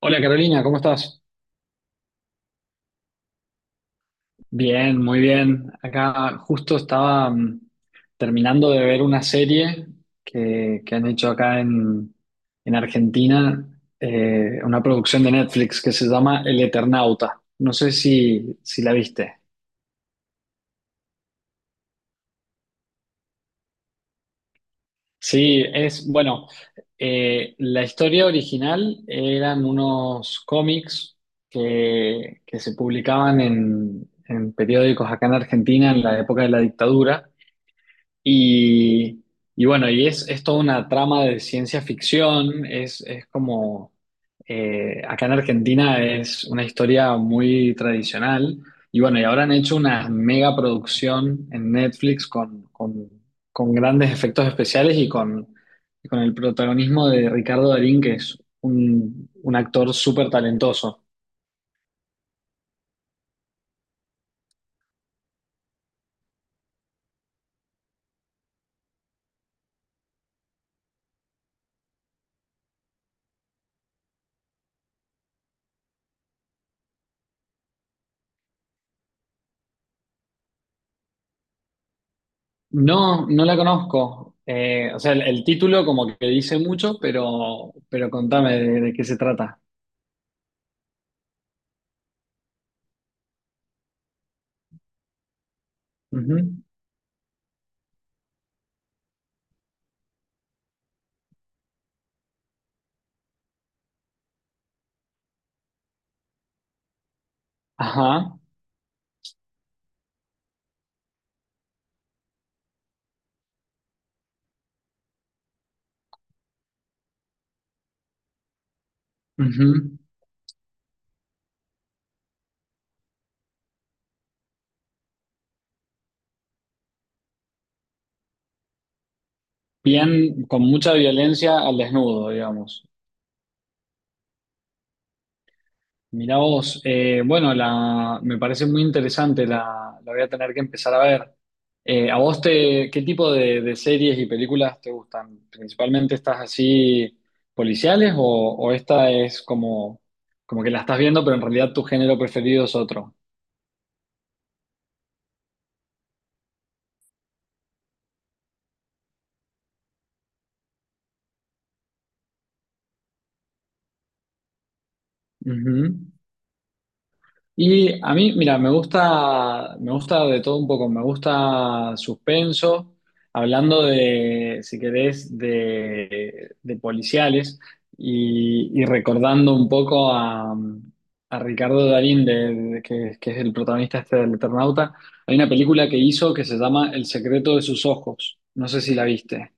Hola Carolina, ¿cómo estás? Bien, muy bien. Acá justo estaba terminando de ver una serie que han hecho acá en Argentina, una producción de Netflix que se llama El Eternauta. No sé si la viste. Sí, es, bueno, la historia original eran unos cómics que se publicaban en periódicos acá en Argentina en la época de la dictadura. Y, y bueno, y es toda una trama de ciencia ficción, es como, acá en Argentina es una historia muy tradicional, y bueno, y ahora han hecho una mega producción en Netflix con grandes efectos especiales y con el protagonismo de Ricardo Darín, que es un actor súper talentoso. No, no la conozco. O sea, el título como que dice mucho, pero contame de qué se trata. Ujú. Ajá. Ujú. Bien, con mucha violencia al desnudo, digamos. Mirá vos, bueno, la, me parece muy interesante, la voy a tener que empezar a ver. ¿A vos te, qué tipo de series y películas te gustan? ¿Principalmente estás así policiales o esta es como, como que la estás viendo, pero en realidad tu género preferido es otro? Ujú. Y a mí, mira, me gusta de todo un poco, me gusta suspenso, hablando de, si querés, de policiales y recordando un poco a Ricardo Darín, que es el protagonista este del Eternauta, hay una película que hizo que se llama El secreto de sus ojos, no sé si la viste.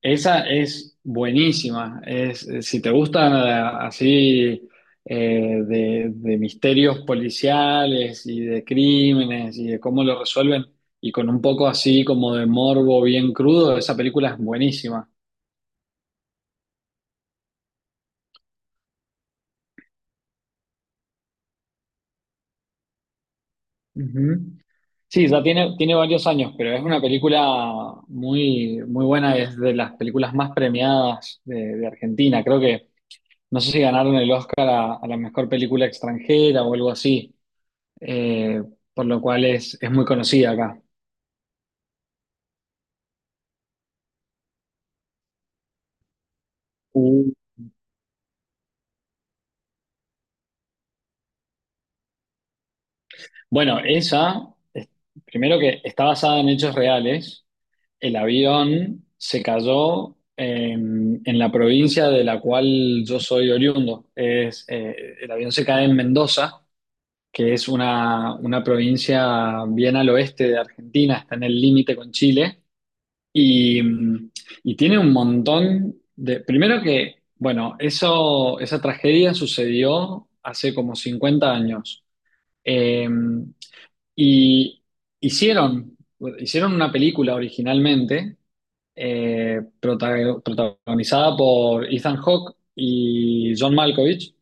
Esa es buenísima. Es, si te gustan así, de misterios policiales y de crímenes y de cómo lo resuelven, y con un poco así como de morbo bien crudo, esa película es buenísima. Ujú. Sí, ya tiene, tiene varios años, pero es una película muy, muy buena, es de las películas más premiadas de Argentina. Creo que, no sé si ganaron el Oscar a la mejor película extranjera o algo así. eh, por lo cual es muy conocida acá. Uh, Bueno, esa, primero que está basada en hechos reales, el avión se cayó en la provincia de la cual yo soy oriundo. Es, el avión se cae en Mendoza, que es una provincia bien al oeste de Argentina, está en el límite con Chile. Y, y tiene un montón de... Primero que, bueno, eso, esa tragedia sucedió hace como 50 años. Eh, y hicieron, hicieron una película originalmente protagonizada por Ethan Hawke y John Malkovich,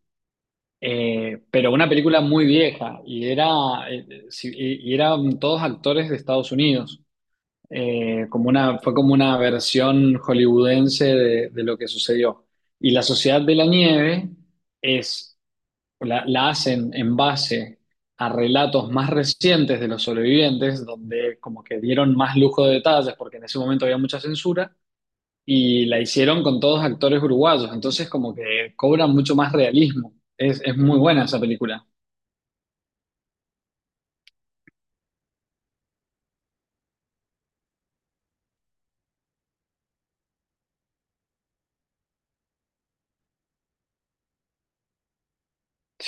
pero una película muy vieja y era, y eran todos actores de Estados Unidos, como una, fue como una versión hollywoodense de lo que sucedió. Y la Sociedad de la Nieve es, la hacen en base a relatos más recientes de los sobrevivientes, donde como que dieron más lujo de detalles, porque en ese momento había mucha censura, y la hicieron con todos actores uruguayos, entonces como que cobra mucho más realismo. Es muy buena esa película.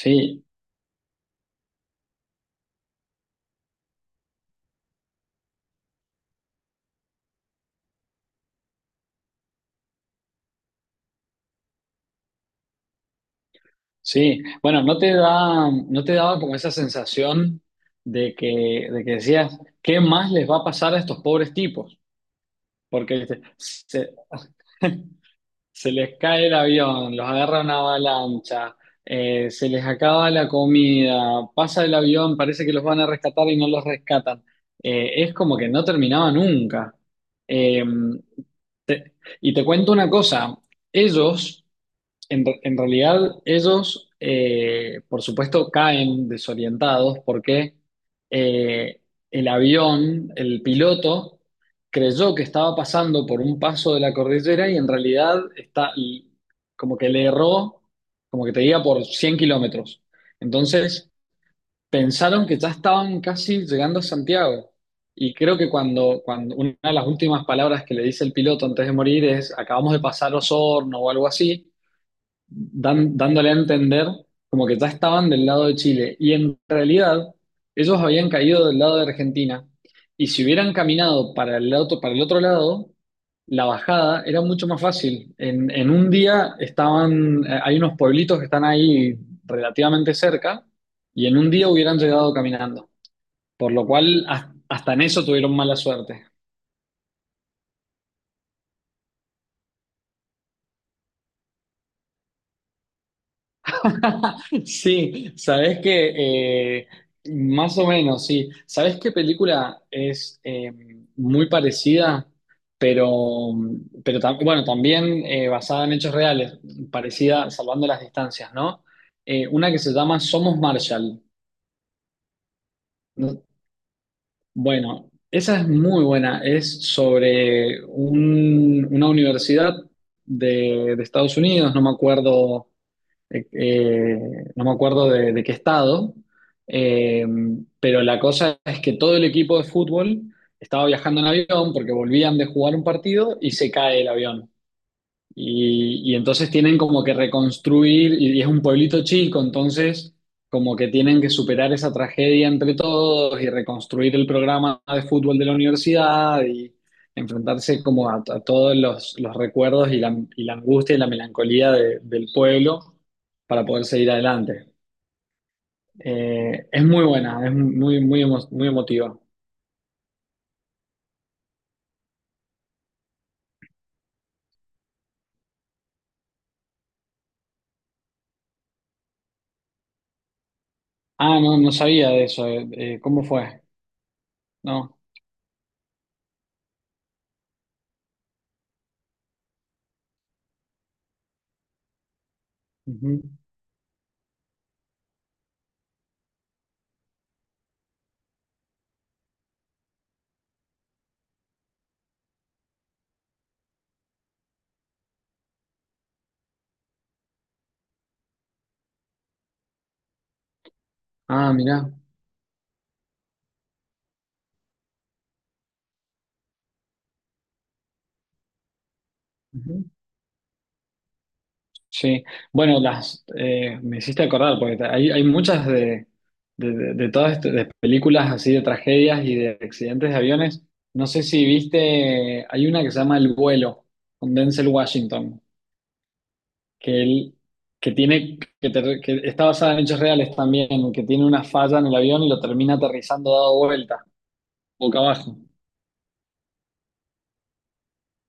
Sí, sí, bueno, ¿no te da, no te daba como esa sensación de que decías, qué más les va a pasar a estos pobres tipos? Porque viste, se, se les cae el avión, los agarra una avalancha, se les acaba la comida, pasa el avión, parece que los van a rescatar y no los rescatan. Es como que no terminaba nunca. Eh, te- y te cuento una cosa, ellos... en realidad, ellos, por supuesto, caen desorientados porque, eh, el avión, el piloto, creyó que estaba pasando por un paso de la cordillera y en realidad está como que le erró, como que te diga, por 100 kilómetros. Entonces, pensaron que ya estaban casi llegando a Santiago. Y creo que cuando una de las últimas palabras que le dice el piloto antes de morir es, acabamos de pasar Osorno o algo así, dándole a entender como que ya estaban del lado de Chile. Y en realidad, ellos habían caído del lado de Argentina. Y si hubieran caminado para el otro lado, la bajada era mucho más fácil. En un día estaban, hay unos pueblitos que están ahí relativamente cerca, y en un día hubieran llegado caminando. Por lo cual, hasta en eso tuvieron mala suerte. Sí, sabes que, más o menos, sí. ¿Sabes qué película es, muy parecida, pero, bueno, también, basada en hechos reales, parecida salvando las distancias, ¿no? Una que se llama Somos Marshall. No. Bueno, esa es muy buena. Es sobre una universidad de Estados Unidos, no me acuerdo, eh, eh, no me acuerdo de qué estado, eh, pero la cosa es que todo el equipo de fútbol estaba viajando en avión porque volvían de jugar un partido y se cae el avión. Y entonces tienen como que reconstruir, y es un pueblito chico, entonces como que tienen que superar esa tragedia entre todos y reconstruir el programa de fútbol de la universidad y enfrentarse como a todos los recuerdos y la angustia y la melancolía del pueblo para poder seguir adelante. Es muy buena, es muy, muy, muy emotiva. Ah, no, no sabía de eso. ¿Cómo fue? No. Ujú. Ah, mirá. Ujú. Sí, bueno, las, me hiciste acordar, porque hay muchas de todas estas de películas así de tragedias y de accidentes de aviones. No sé si viste, hay una que se llama El vuelo, con Denzel Washington, que él, que tiene, que está basada en hechos reales también, que tiene una falla en el avión y lo termina aterrizando dado vuelta, boca abajo.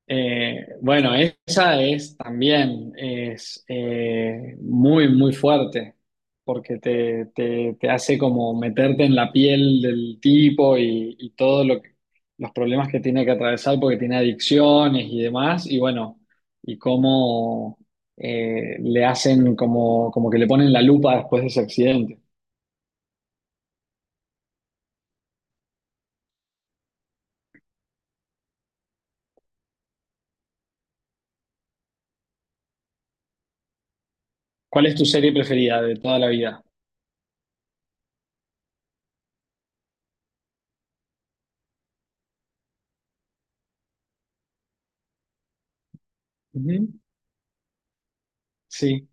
Bueno, esa es también es, muy, muy fuerte, porque te, te hace como meterte en la piel del tipo y todo los problemas que tiene que atravesar porque tiene adicciones y demás, y bueno, y cómo, le hacen como, como que le ponen la lupa después de ese accidente. ¿Cuál es tu serie preferida de toda la vida? Ujú, sí.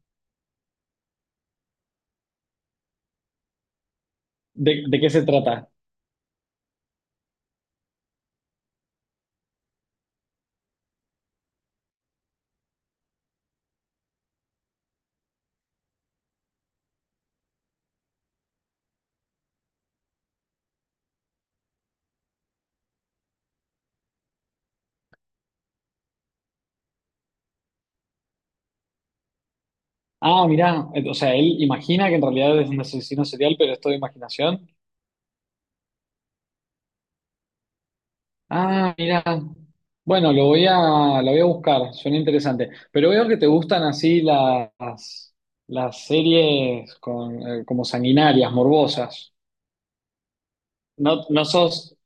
De qué se trata? Ah, mirá, o sea, él imagina que en realidad es un asesino serial, pero es todo imaginación. Ah, mirá. Bueno, lo voy a buscar, suena interesante. Pero veo que te gustan así las series con, como sanguinarias, morbosas. No, no sos,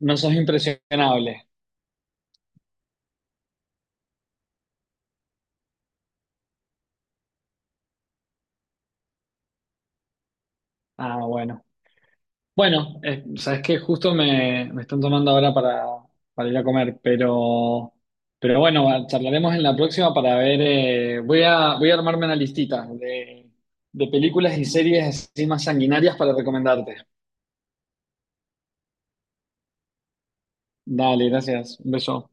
no sos impresionable. Ah, bueno. Bueno, sabes que justo me, me están tomando ahora para ir a comer, pero, charlaremos en la próxima para ver. Voy a, voy a armarme una listita de películas y series así más sanguinarias para recomendarte. Dale, gracias. Un beso.